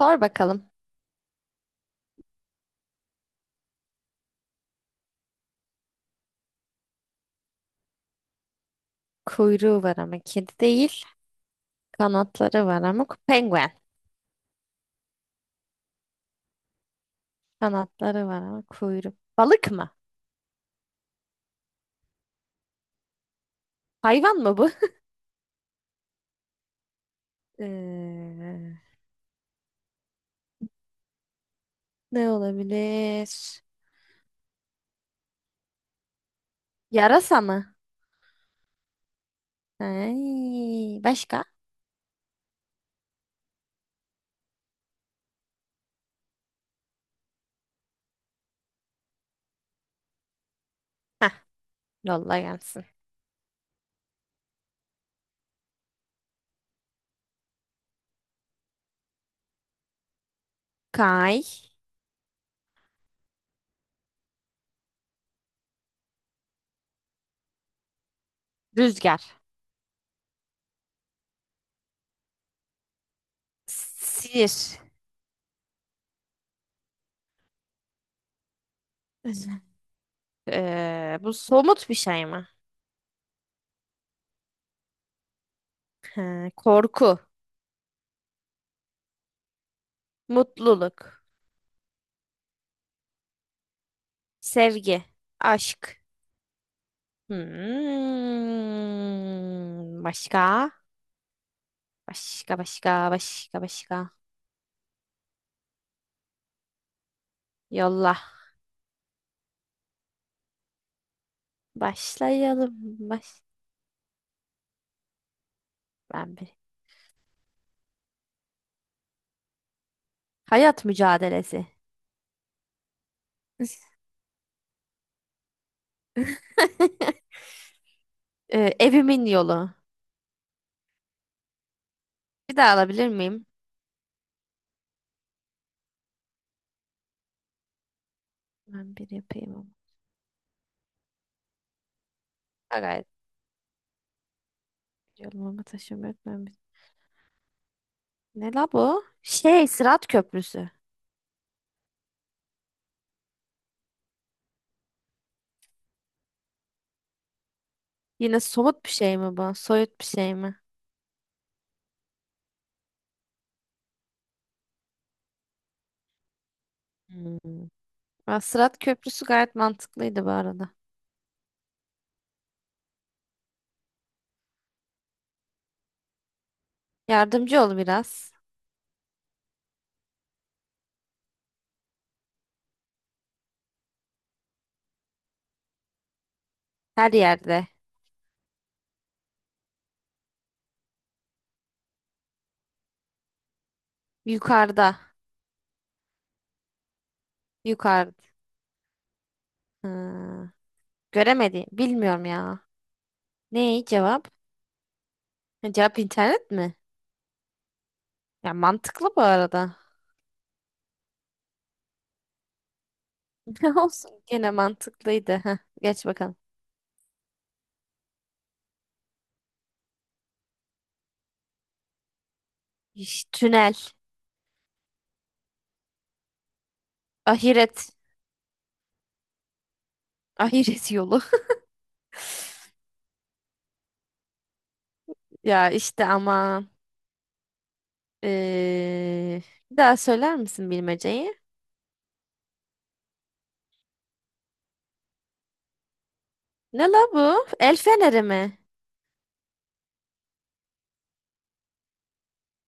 Sor bakalım. Kuyruğu var ama kedi değil. Kanatları var ama penguen. Kanatları var ama kuyruğu. Balık mı? Hayvan mı bu? Ee, ne olabilir? Yarasa mı? Ay, başka? Heh, yolla gelsin. Kay, rüzgar, sihir. Bu somut bir şey mi? Ha, korku, mutluluk, sevgi, aşk. Hmm, başka? Başka, başka, başka, başka. Yolla. Başlayalım. Baş... Ben bir. Hayat mücadelesi. Evimin yolu. Bir daha alabilir miyim? Ben bir yapayım ama. Ha, gayet yolum ama taşım yok. Ben bir... Ne la bu? Şey, Sırat Köprüsü. Yine somut bir şey mi bu? Soyut bir şey mi? Hmm. Aa, Sırat Köprüsü gayet mantıklıydı bu arada. Yardımcı ol biraz. Her yerde. Yukarıda. Yukarıda. Hı, göremedi. Bilmiyorum ya. Ne cevap? Ha, cevap internet mi? Ya mantıklı bu arada. Olsun gene mantıklıydı. Heh, geç bakalım. İş, tünel. Ahiret. Ahiret yolu. Ya işte ama ee, bir daha söyler misin bilmeceyi? Ne la bu? El feneri mi?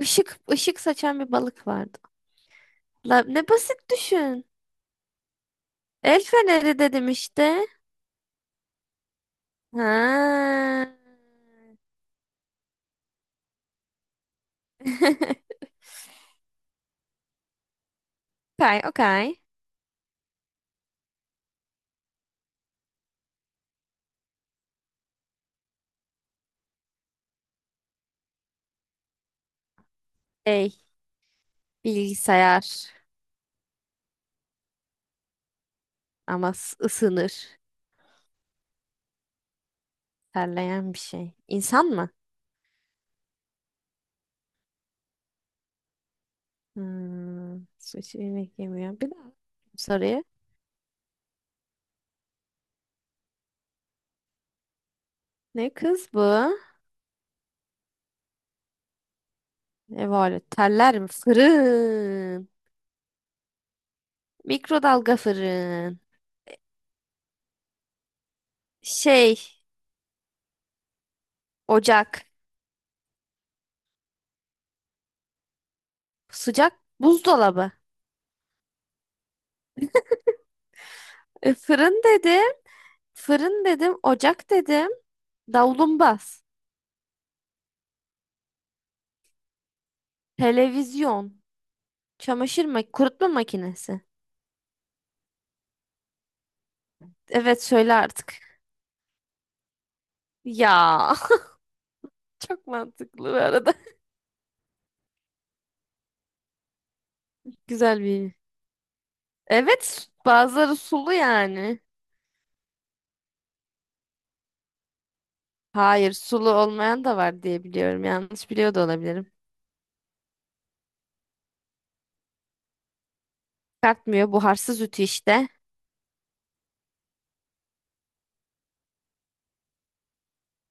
Işık, ışık saçan bir balık vardı. La, ne basit düşün. El feneri dedim işte. Ha. Okay, okay. Şey, bilgisayar ama ısınır. Terleyen bir şey. İnsan mı? Hmm, su içi yemek yemiyor. Bir daha soruyu. Ne kız bu? Ne var? Teller mi? Fırın. Mikrodalga fırın. Şey, ocak. Sıcak buzdolabı. E, fırın dedim. Fırın dedim. Ocak dedim. Davlumbaz. Televizyon. Çamaşır mak kurutma makinesi. Evet söyle artık. Ya çok mantıklı bu arada. Güzel bir. Evet, bazıları sulu yani. Hayır, sulu olmayan da var diye biliyorum. Yanlış biliyor da olabilirim. Kartmıyor, buharsız ütü işte.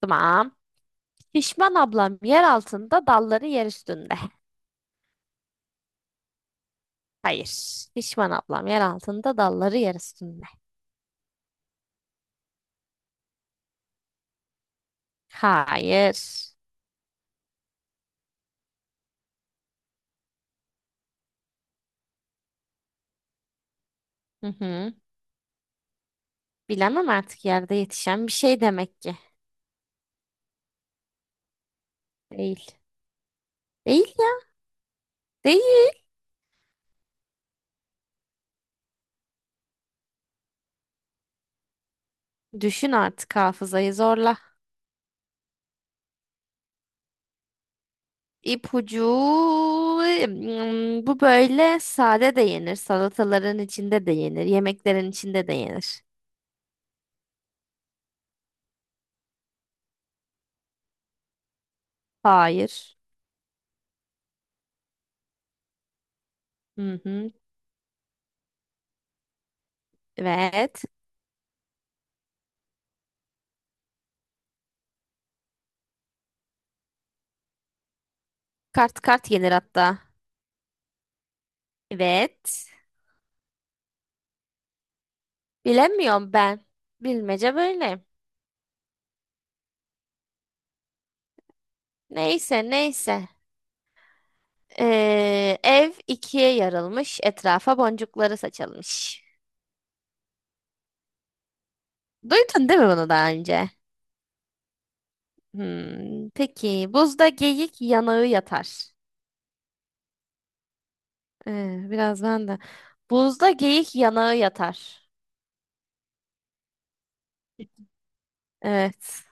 Tamam. Şişman ablam yer altında, dalları yer üstünde. Hayır. Şişman ablam yer altında, dalları yer üstünde. Hayır. Hı hı. Bilemem artık yerde yetişen bir şey demek ki. Değil. Değil ya. Değil. Düşün artık hafızayı zorla. İpucu hmm, bu böyle sade de yenir, salataların içinde de yenir, yemeklerin içinde de yenir. Hayır. Hı hı. Evet. Kart kart yenir hatta. Evet. Bilemiyorum ben. Bilmece böyle. Neyse neyse. Ev ikiye yarılmış, etrafa boncukları saçılmış. Duydun değil mi bunu daha önce? Hmm, peki buzda geyik yanağı yatar. Biraz ben de. Buzda geyik yanağı yatar. Evet.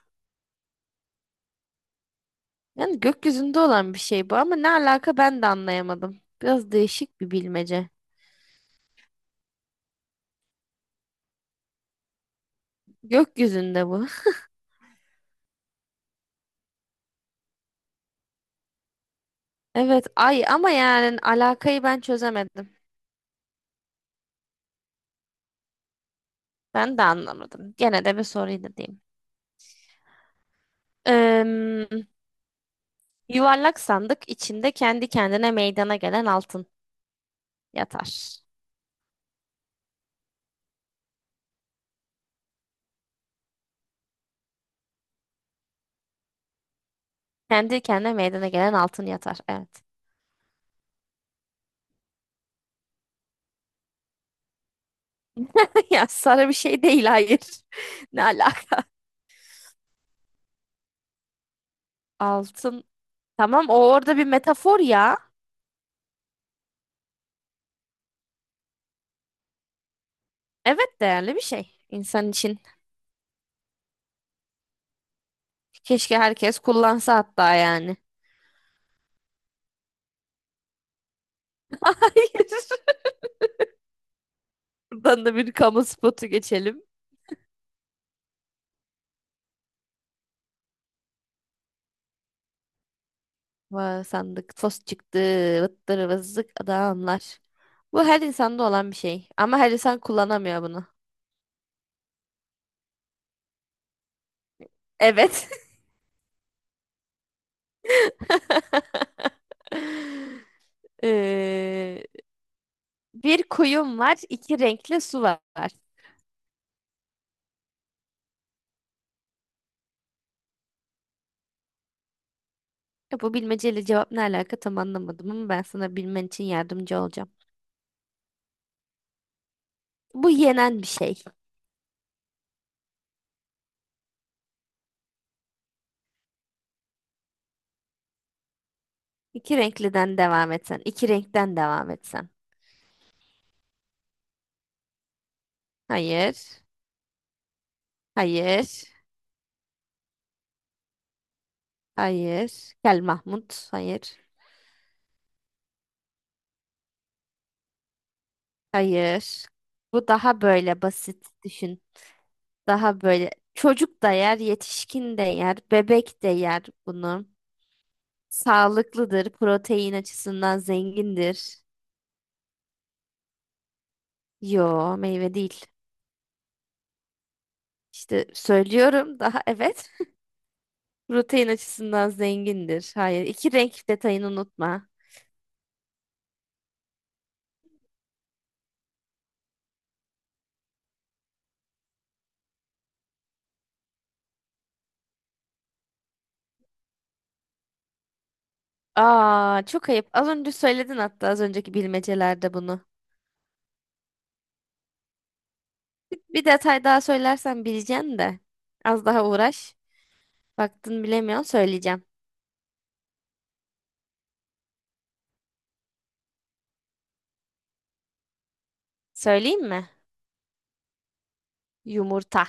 Yani gökyüzünde olan bir şey bu ama ne alaka ben de anlayamadım. Biraz değişik bir bilmece. Gökyüzünde bu. Evet ay ama yani alakayı ben çözemedim. Ben de anlamadım. Gene de bir soruydu diyeyim. Em, yuvarlak sandık içinde kendi kendine meydana gelen altın yatar. Kendi kendine meydana gelen altın yatar. Evet. Ya sarı bir şey değil hayır. Ne alaka? Altın. Tamam o orada bir metafor ya. Evet değerli bir şey insan için. Keşke herkes kullansa hatta yani. Hayır. Buradan da bir kamu spotu geçelim. Vay, sandık fos çıktı. Vıttır vızlık adamlar. Bu her insanda olan bir şey. Ama her insan kullanamıyor bunu. Evet. Ee, bir kuyum var, iki renkli su var. Ya bu bilmeceyle cevap ne alaka tam anlamadım ama ben sana bilmen için yardımcı olacağım. Bu yenen bir şey. İki renkliden devam etsen. İki renkten devam etsen. Hayır. Hayır. Hayır. Gel Mahmut. Hayır. Hayır. Bu daha böyle basit düşün. Daha böyle çocuk da yer, yetişkin de yer, bebek de yer bunu. Sağlıklıdır, protein açısından zengindir. Yo, meyve değil. İşte söylüyorum daha evet. Protein açısından zengindir. Hayır. iki renk detayını unutma. Aa, çok ayıp. Az önce söyledin hatta az önceki bilmecelerde bunu. Bir detay daha söylersen bileceksin de. Az daha uğraş. Baktın bilemiyorsun söyleyeceğim. Söyleyeyim mi? Yumurta.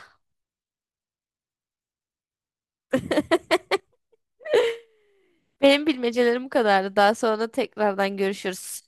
Benim bilmecelerim bu kadardı. Daha sonra tekrardan görüşürüz.